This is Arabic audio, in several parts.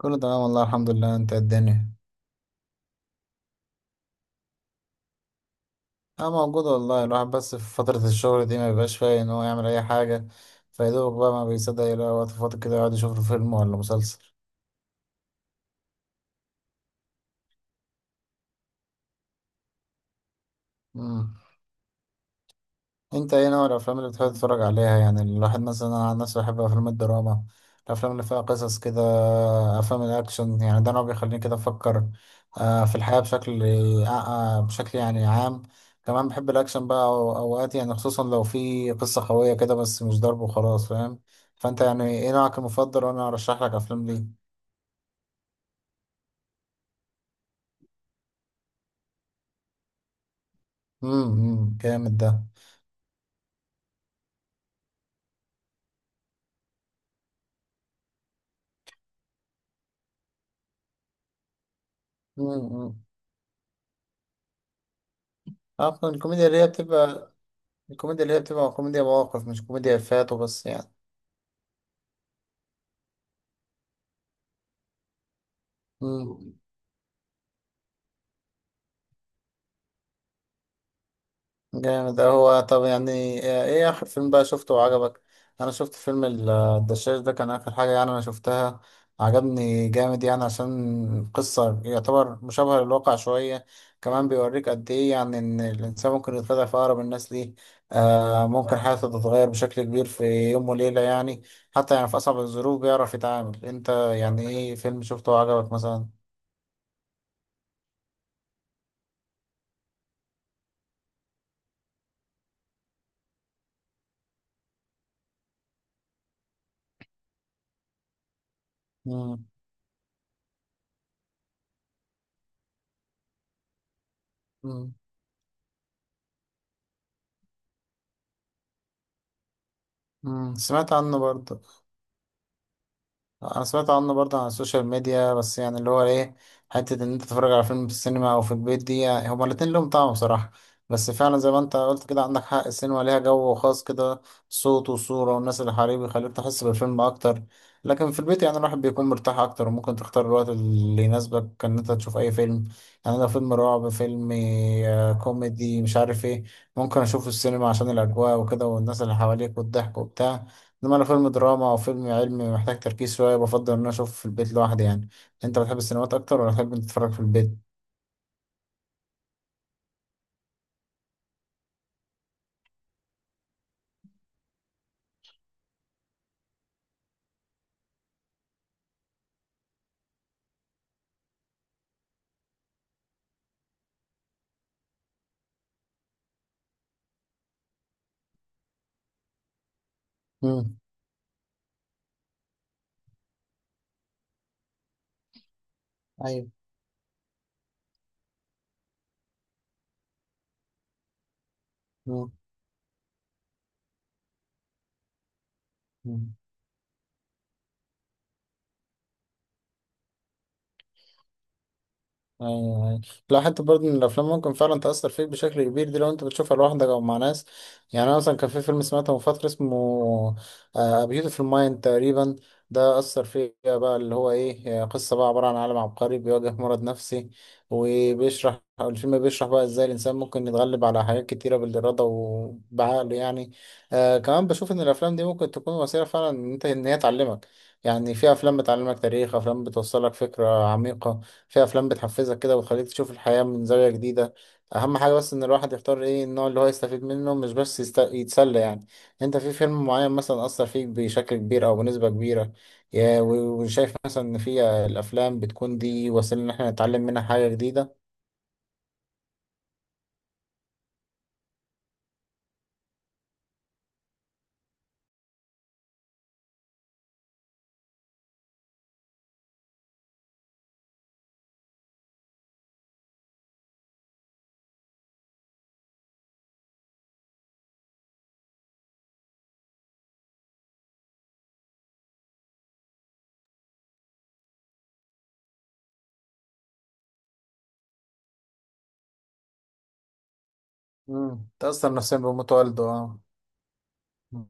كله تمام والله الحمد لله. انت إيه الدنيا؟ اه، موجود والله. الواحد بس في فترة الشغل دي ما بيبقاش فايق ان هو يعمل اي حاجة. فيدوبك بقى ما بيصدق يلاقي وقت فاضي كده، يقعد يشوف له فيلم ولا مسلسل. مم. انت ايه نوع الافلام اللي بتحب تتفرج عليها؟ يعني الواحد مثلا، انا عن نفسي بحب افلام الدراما، الافلام اللي فيها قصص كده. افلام الاكشن يعني ده نوع بيخليني كده افكر في الحياة بشكل آه، آه، بشكل يعني عام. كمان بحب الاكشن بقى، اوقات يعني، خصوصا لو في قصة قوية كده، بس مش ضرب وخلاص، فاهم؟ فانت يعني ايه نوعك المفضل، وانا ارشح لك افلام ليه. جامد ده. امم. اه، الكوميديا اللي هي بتبقى كوميديا مواقف، مش كوميديا افيهات وبس يعني. مم. جامد ده. هو طب يعني، ايه اخر فيلم بقى شفته وعجبك؟ انا شفت فيلم الدشاش ده، كان اخر حاجة يعني انا شفتها. عجبني جامد يعني، عشان قصة يعتبر مشابهة للواقع شوية. كمان بيوريك قد ايه يعني ان الانسان ممكن يتخدع في اقرب الناس ليه، آه، ممكن حياته تتغير بشكل كبير في يوم وليلة يعني. حتى يعني في اصعب الظروف بيعرف يتعامل. انت يعني ايه فيلم شفته وعجبك مثلا؟ مم. مم. مم. سمعت عنه برضه. انا سمعت عنه برضه على السوشيال ميديا، بس يعني اللي هو ايه، حته ان انت تتفرج على فيلم في السينما او في البيت، دي يعني هما الاتنين لهم طعم بصراحه. بس فعلا زي ما انت قلت كده، عندك حق، السينما ليها جو خاص كده، صوت وصوره والناس اللي حواليه بيخليك تحس بالفيلم اكتر. لكن في البيت يعني الواحد بيكون مرتاح اكتر، وممكن تختار الوقت اللي يناسبك ان انت تشوف اي فيلم. يعني لو فيلم رعب، فيلم كوميدي، مش عارف ايه، ممكن اشوفه السينما عشان الاجواء وكده، والناس اللي حواليك والضحك وبتاع. لما انا فيلم دراما او فيلم علمي محتاج تركيز شويه، بفضل ان انا اشوفه في البيت لوحدي يعني. انت بتحب السينمات اكتر ولا بتحب إنت تتفرج في البيت؟ امم. ايوه. مم. مم. ايوه، ايوه. لا، حتى برضه ان الافلام ممكن فعلا تاثر فيك بشكل كبير دي، لو انت بتشوفها لوحدك او مع ناس. يعني انا مثلا كان في فيلم سمعته من فتره، اسمه بيوتيفول مايند تقريبا. ده اثر فيا بقى، اللي هو ايه، قصه بقى عباره عن عالم عبقري بيواجه مرض نفسي. وبيشرح أو الفيلم بيشرح بقى ازاي الانسان ممكن يتغلب على حاجات كتيره بالاراده وبعقله يعني. آه، كمان بشوف ان الافلام دي ممكن تكون وسيله فعلا ان هي تعلمك. يعني في افلام بتعلمك تاريخ، افلام بتوصلك فكره عميقه، في افلام بتحفزك كده وتخليك تشوف الحياة من زاوية جديدة. اهم حاجة بس ان الواحد يختار ايه النوع اللي هو يستفيد منه، مش بس يتسلى يعني. انت في فيلم معين مثلا اثر فيك بشكل كبير او بنسبة كبيرة؟ وشايف مثلا ان في الافلام بتكون دي وسيلة ان احنا نتعلم منها حاجة جديدة؟ مم. تأثر نفسيا بموت والده، اه. مم.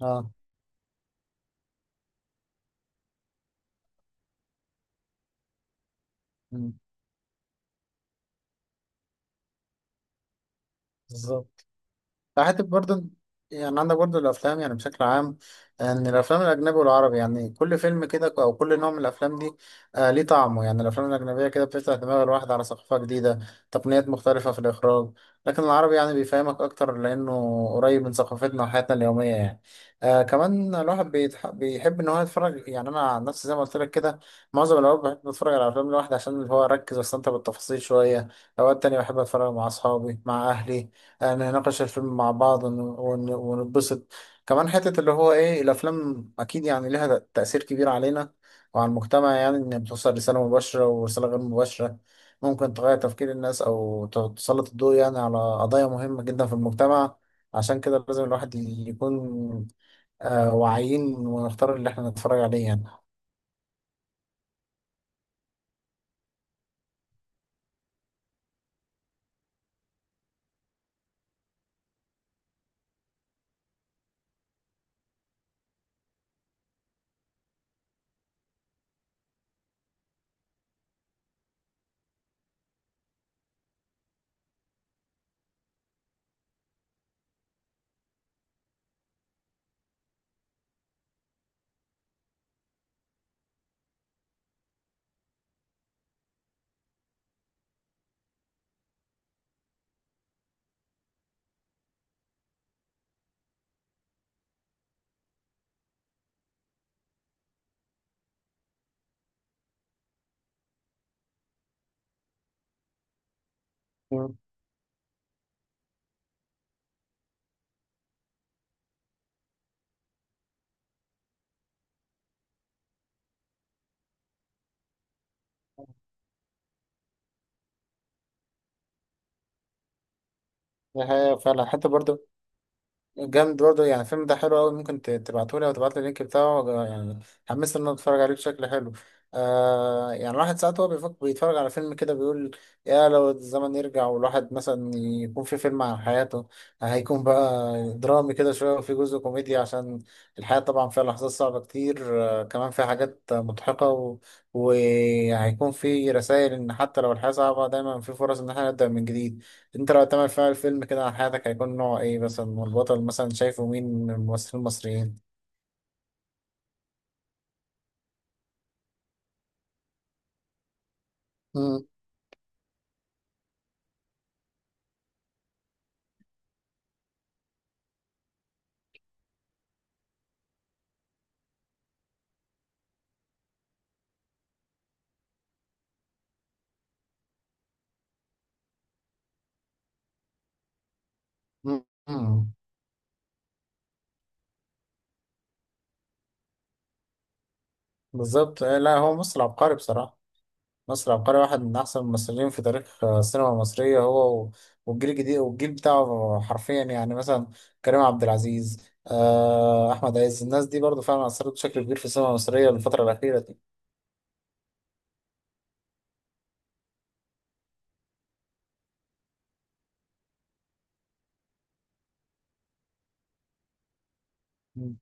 اه. مم. بالظبط. حتى برضه، يعني عندك برضه الأفلام يعني بشكل عام، إن الأفلام الأجنبي والعربي، يعني كل فيلم كده أو كل نوع من الأفلام دي آه ليه طعمه. يعني الأفلام الأجنبية كده بتفتح دماغ الواحد على ثقافة جديدة، تقنيات مختلفة في الإخراج. لكن العربي يعني بيفهمك أكتر، لأنه قريب من ثقافتنا وحياتنا اليومية يعني. آه كمان الواحد بيحب إن هو يتفرج. يعني أنا عن نفسي زي ما قلت لك كده، معظم الأوقات بحب أتفرج على أفلام لوحدي، عشان اللي هو أركز وأستمتع بالتفاصيل شوية. أوقات تانية بحب أتفرج مع أصحابي، مع أهلي، يعني نناقش الفيلم مع بعض ونتبسط. كمان حتة اللي هو ايه، الافلام اكيد يعني لها تأثير كبير علينا وعلى المجتمع، يعني ان بتوصل رسالة مباشرة ورسالة غير مباشرة، ممكن تغير تفكير الناس او تسلط الضوء يعني على قضايا مهمة جدا في المجتمع. عشان كده لازم الواحد يكون واعيين ونختار اللي احنا نتفرج عليه يعني. مم. دي حقيقة فعلا. حتى برضه جامد برضه يعني، الفيلم ده حلو أوي، ممكن تبعتهولي أو تبعتلي اللينك بتاعه يعني، حمست إن أنا أتفرج عليه بشكل حلو. آه يعني الواحد ساعات هو بيفكر، بيتفرج على فيلم كده بيقول يا لو الزمن يرجع، والواحد مثلا يكون في فيلم عن حياته، هيكون بقى درامي كده شوية وفي جزء كوميدي، عشان الحياة طبعا فيها لحظات صعبة كتير، آه كمان فيها حاجات مضحكة وهيكون في رسائل إن حتى لو الحياة صعبة دايما في فرص إن احنا نبدأ من جديد. انت لو تعمل فيها الفيلم كده عن حياتك، هيكون نوع ايه مثلا، والبطل مثلا شايفه مين من الممثلين المصريين؟ مم. مم. امم. بالظبط. آه، لا هو مصر عبقري بصراحة. مصر عبقري، واحد من أحسن الممثلين في تاريخ السينما المصرية. هو والجيل الجديد والجيل بتاعه حرفيا يعني، مثلا كريم عبد العزيز، أحمد عز، الناس دي برضو فعلا أثرت بشكل كبير في السينما المصرية الفترة الأخيرة دي. مم.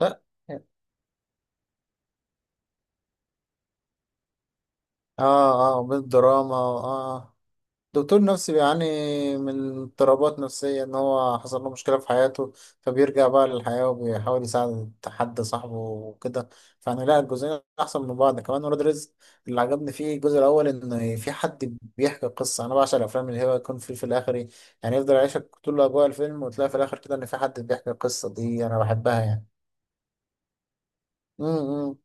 لا. اه، اه، بالدراما، اه. دكتور نفسي بيعاني من اضطرابات نفسية، إن هو حصل له مشكلة في حياته، فبيرجع بقى للحياة وبيحاول يساعد حد صاحبه وكده. فأنا لا، الجزئين أحسن من بعض. كمان ولاد رزق، اللي عجبني فيه الجزء الأول إن في حد بيحكي قصة. أنا بعشق الأفلام اللي هو يكون في الآخر إيه، يعني يفضل يعيشك طول أجواء الفيلم وتلاقي في الآخر كده إن في حد بيحكي القصة، دي أنا بحبها يعني. امم.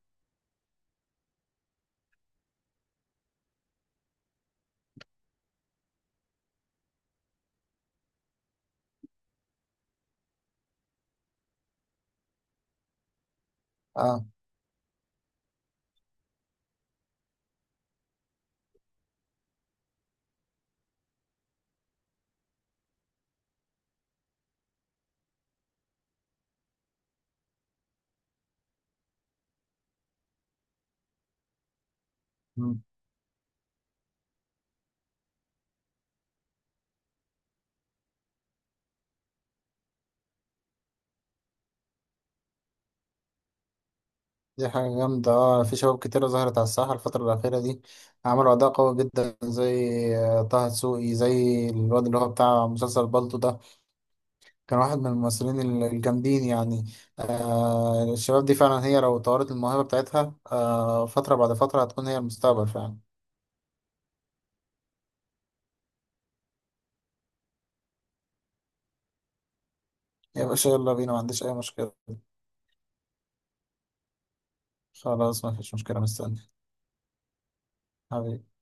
اه. دي حاجة جامدة. اه في شباب كتيرة ظهرت على الساحة الفترة الأخيرة دي، عملوا أداء قوي جدا، زي طه دسوقي، زي الواد اللي هو بتاع مسلسل بالطو ده، كان واحد من الممثلين الجامدين يعني. الشباب دي فعلا، هي لو طورت الموهبة بتاعتها فترة بعد فترة هتكون هي المستقبل فعلا. يا باشا يلا بينا، ما عنديش أي مشكلة. خلاص، ما فيش مشكلة، مستني. حبيبي.